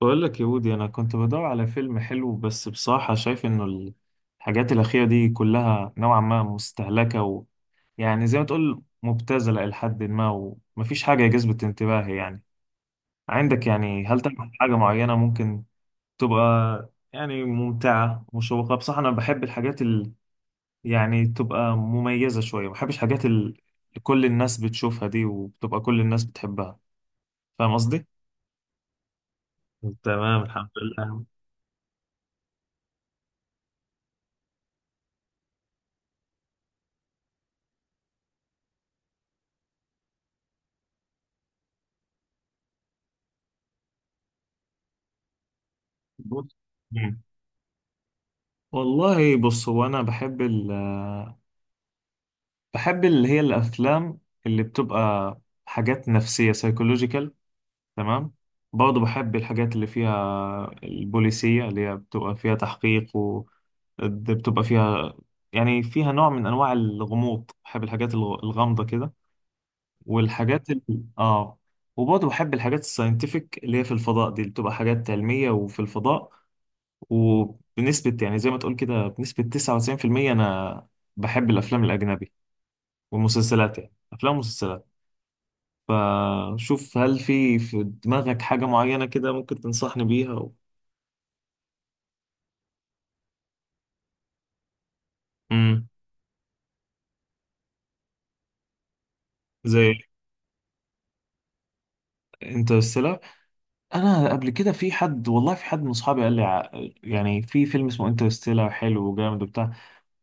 بقول لك يا ودي، انا كنت بدور على فيلم حلو، بس بصراحة شايف انه الحاجات الأخيرة دي كلها نوعا ما مستهلكة، ويعني زي ما تقول مبتذلة إلى حد ما، ومفيش حاجة جذبت انتباهي يعني. عندك يعني، هل تعمل حاجة معينة ممكن تبقى يعني ممتعة مشوقة؟ بصراحة أنا بحب الحاجات اللي يعني تبقى مميزة شوية، ما بحبش الحاجات اللي كل الناس بتشوفها دي وبتبقى كل الناس بتحبها. فاهم قصدي؟ تمام، الحمد لله. بص والله بص، هو انا بحب اللي هي الافلام اللي بتبقى حاجات نفسيه، سايكولوجيكال. تمام. برضه بحب الحاجات اللي فيها البوليسيه، اللي هي بتبقى فيها تحقيق، و ده بتبقى فيها يعني فيها نوع من انواع الغموض. بحب الحاجات الغامضه كده، والحاجات ال... اه وبرضه بحب الحاجات الساينتفك اللي هي في الفضاء دي، اللي بتبقى حاجات علميه وفي الفضاء. وبنسبة يعني زي ما تقول كده، بنسبة 99%، أنا بحب الأفلام الأجنبي والمسلسلات، يعني أفلام ومسلسلات. فشوف هل في دماغك حاجة معينة كده ممكن تنصحني بيها و... مم. زي انترستيلر. أنا قبل كده في حد من أصحابي يعني في فيلم اسمه انترستيلر حلو وجامد وبتاع،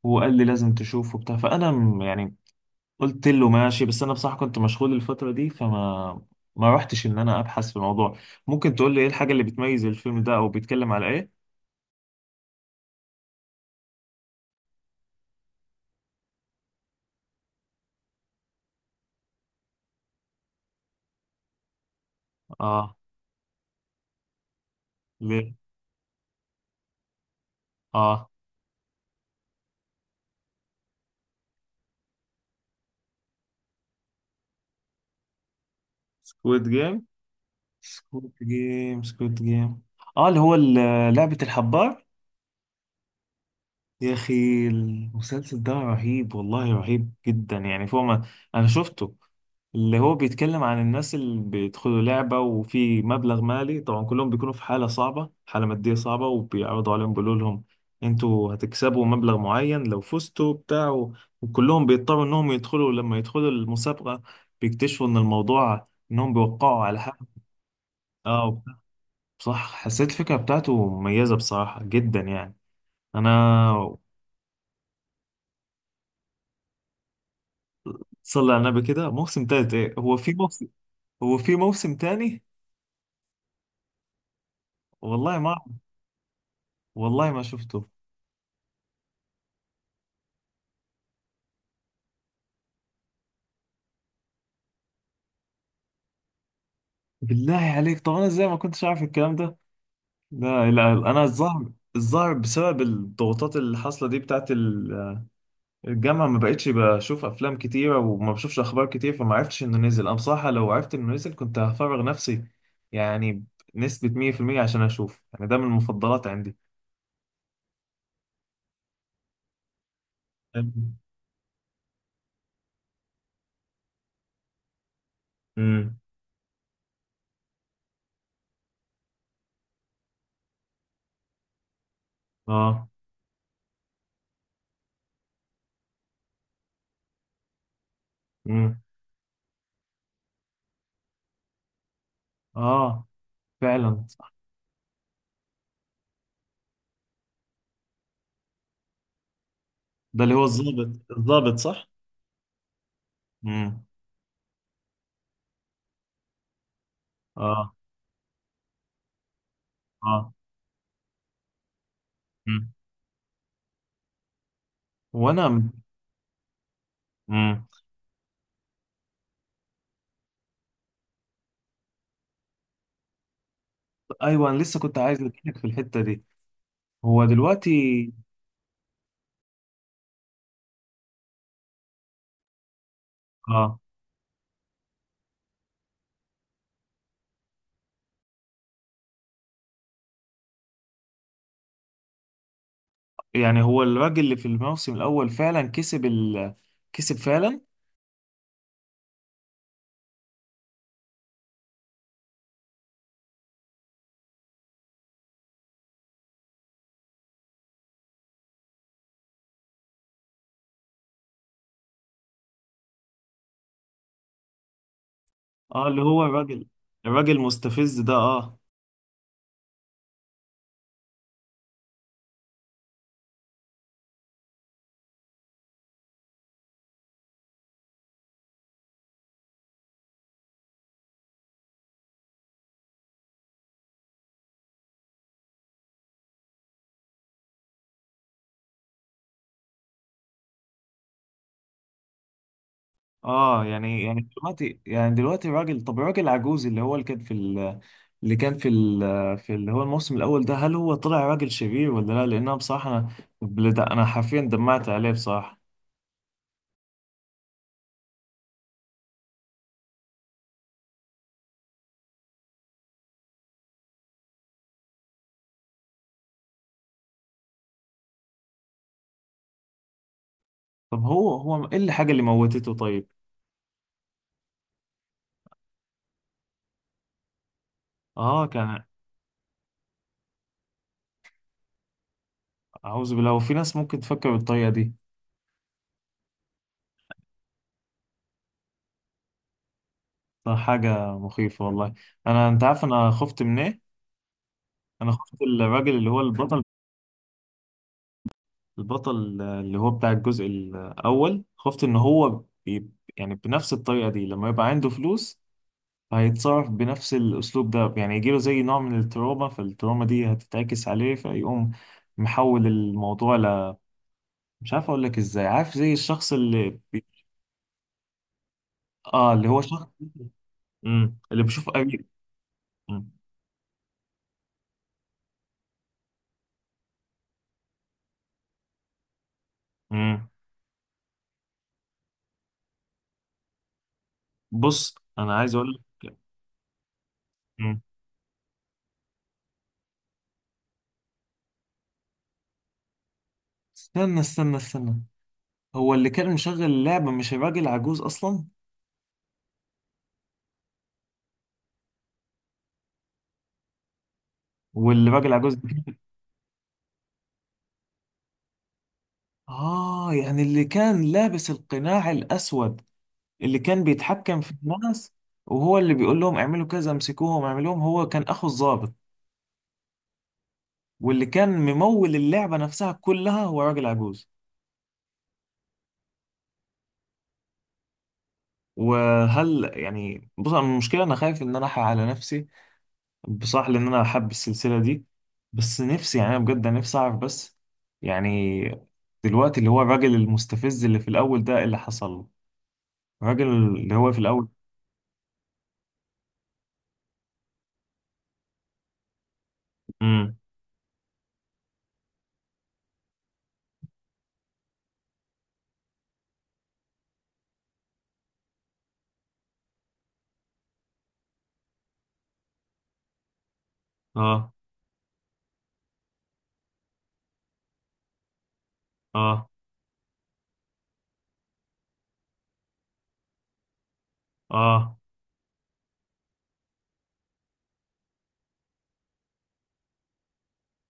وقال لي لازم تشوفه وبتاع، فأنا يعني قلت له ماشي، بس انا بصراحه كنت مشغول الفتره دي، فما ما رحتش انا ابحث في الموضوع. ممكن تقول لي ايه الحاجه اللي بتميز الفيلم ده او بيتكلم على ايه؟ اه. ليه؟ اه. سكويد جيم، سكويد جيم، سكويد جيم. اه، اللي هو لعبه الحبار. يا اخي المسلسل ده رهيب، والله رهيب جدا، يعني فوق ما انا شفته. اللي هو بيتكلم عن الناس اللي بيدخلوا لعبة وفي مبلغ مالي، طبعا كلهم بيكونوا في حالة صعبة، حالة مادية صعبة، وبيعرضوا عليهم، بيقولوا لهم انتوا هتكسبوا مبلغ معين لو فزتوا بتاع وكلهم بيضطروا انهم يدخلوا. لما يدخلوا المسابقة بيكتشفوا ان الموضوع انهم بيوقعوا على حق. اه، صح. حسيت الفكرة بتاعته مميزة بصراحة جدا يعني. انا. صلي على النبي كده، موسم تالت ايه؟ هو في موسم تاني؟ والله ما أعرف. والله ما شفته. بالله عليك، طب انا ازاي ما كنتش عارف الكلام ده؟ لا لا، انا الظاهر بسبب الضغوطات اللي حاصله دي بتاعت الجامعه، ما بقتش بشوف افلام كتيره وما بشوفش اخبار كتير، فما عرفتش انه نزل. انا بصراحه لو عرفت انه نزل كنت هفرغ نفسي، يعني بنسبه 100%، عشان اشوف، يعني ده من المفضلات عندي. امم. اه. امم. اه. فعلا. ده اللي هو الضابط، الضابط، صح؟ امم. اه. اه. مم. وانا. امم. ايوه، انا لسه كنت عايز اتكلم في الحته دي. هو دلوقتي، اه يعني هو الراجل اللي في الموسم الاول فعلا كسب كسب فعلا. اه، اللي هو الراجل المستفز ده. اه. اه يعني دلوقتي، يعني دلوقتي الراجل، طب الراجل العجوز اللي هو اللي كان في ال... اللي كان في ال... في اللي هو الموسم الاول ده، هل هو طلع راجل شرير ولا لا؟ لان انا بصراحه انا حرفيا دمعت عليه بصراحه. طب هو ايه الحاجه اللي موتته طيب؟ اه، كان. اعوذ بالله، وفي ناس ممكن تفكر بالطريقه دي؟ ده حاجه مخيفه والله. انت عارف انا خفت من ايه؟ انا خفت الراجل اللي هو البطل اللي هو بتاع الجزء الأول، خفت إن هو يعني بنفس الطريقة دي، لما يبقى عنده فلوس هيتصرف بنفس الأسلوب ده، يعني يجيله زي نوع من التروما، فالتروما دي هتتعكس عليه فيقوم محول الموضوع مش عارف أقول لك إزاي، عارف زي الشخص آه، اللي هو شخص. مم. اللي بيشوف قريب. مم. مم. بص، أنا عايز أقول لك. مم. استنى استنى استنى، هو اللي كان مشغل اللعبة مش الراجل عجوز أصلا؟ والراجل عجوز. آه، يعني اللي كان لابس القناع الأسود، اللي كان بيتحكم في الناس، وهو اللي بيقول لهم اعملوا كذا، امسكوهم، اعملوهم، هو كان أخو الضابط. واللي كان ممول اللعبة نفسها كلها هو راجل عجوز. وهل يعني، بص، أنا المشكلة أنا خايف إن أنا أحرق على نفسي بصراحة، لأن أنا حابب السلسلة دي، بس نفسي، يعني أنا بجد نفسي أعرف، بس يعني دلوقتي اللي هو الراجل المستفز اللي في الأول ده، إيه اللي حصل له، الراجل اللي هو في الأول؟ امم. اه. اه. اه.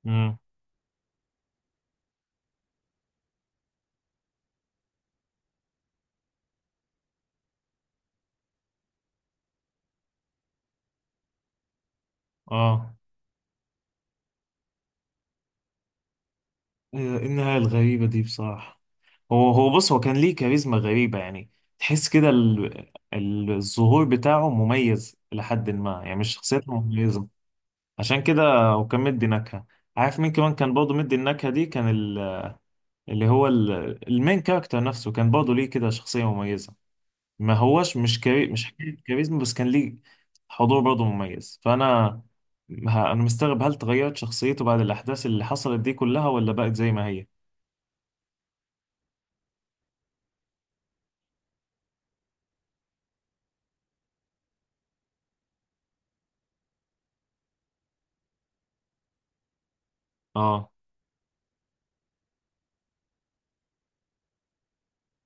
امم. اه. إيه النهاية الغريبة دي بصراحة؟ هو كان ليه كاريزما غريبة يعني. تحس كده الظهور بتاعه مميز لحد ما، يعني مش شخصيته مميزة عشان كده. هو كان مدي نكهة. عارف مين كمان كان برضه مدي النكهة دي؟ كان المين كاركتر نفسه، كان برضه ليه كده شخصية مميزة، ما هوش مش حكاية كاريزما بس، كان ليه حضور برضه مميز. فأنا أنا مستغرب، هل تغيرت شخصيته بعد الأحداث اللي حصلت دي كلها ولا بقت زي ما هي؟ اه.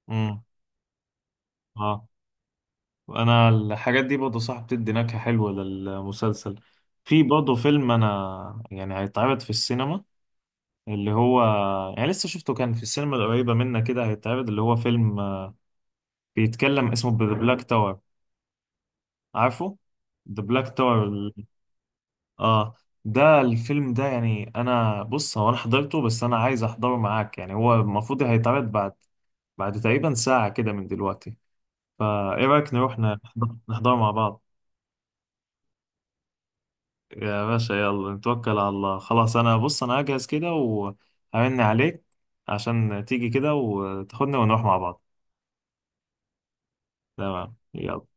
امم. اه. انا الحاجات دي برضه صح بتدي نكهة حلوة للمسلسل. في برضه فيلم انا يعني هيتعرض في السينما، اللي هو، يعني لسه شفته كان في السينما القريبة منا كده، هيتعرض، اللي هو فيلم بيتكلم اسمه ذا بلاك تاور، عارفه؟ ذا بلاك تاور. اه. ده الفيلم ده يعني، انا بص، هو انا حضرته بس انا عايز احضره معاك، يعني هو المفروض هيتعرض بعد تقريبا ساعة كده من دلوقتي. فايه رأيك نروح نحضره مع بعض؟ يا باشا، يلا نتوكل على الله، خلاص، انا بص، انا هجهز كده وهرن عليك عشان تيجي كده وتاخدنا ونروح مع بعض. تمام، يلا.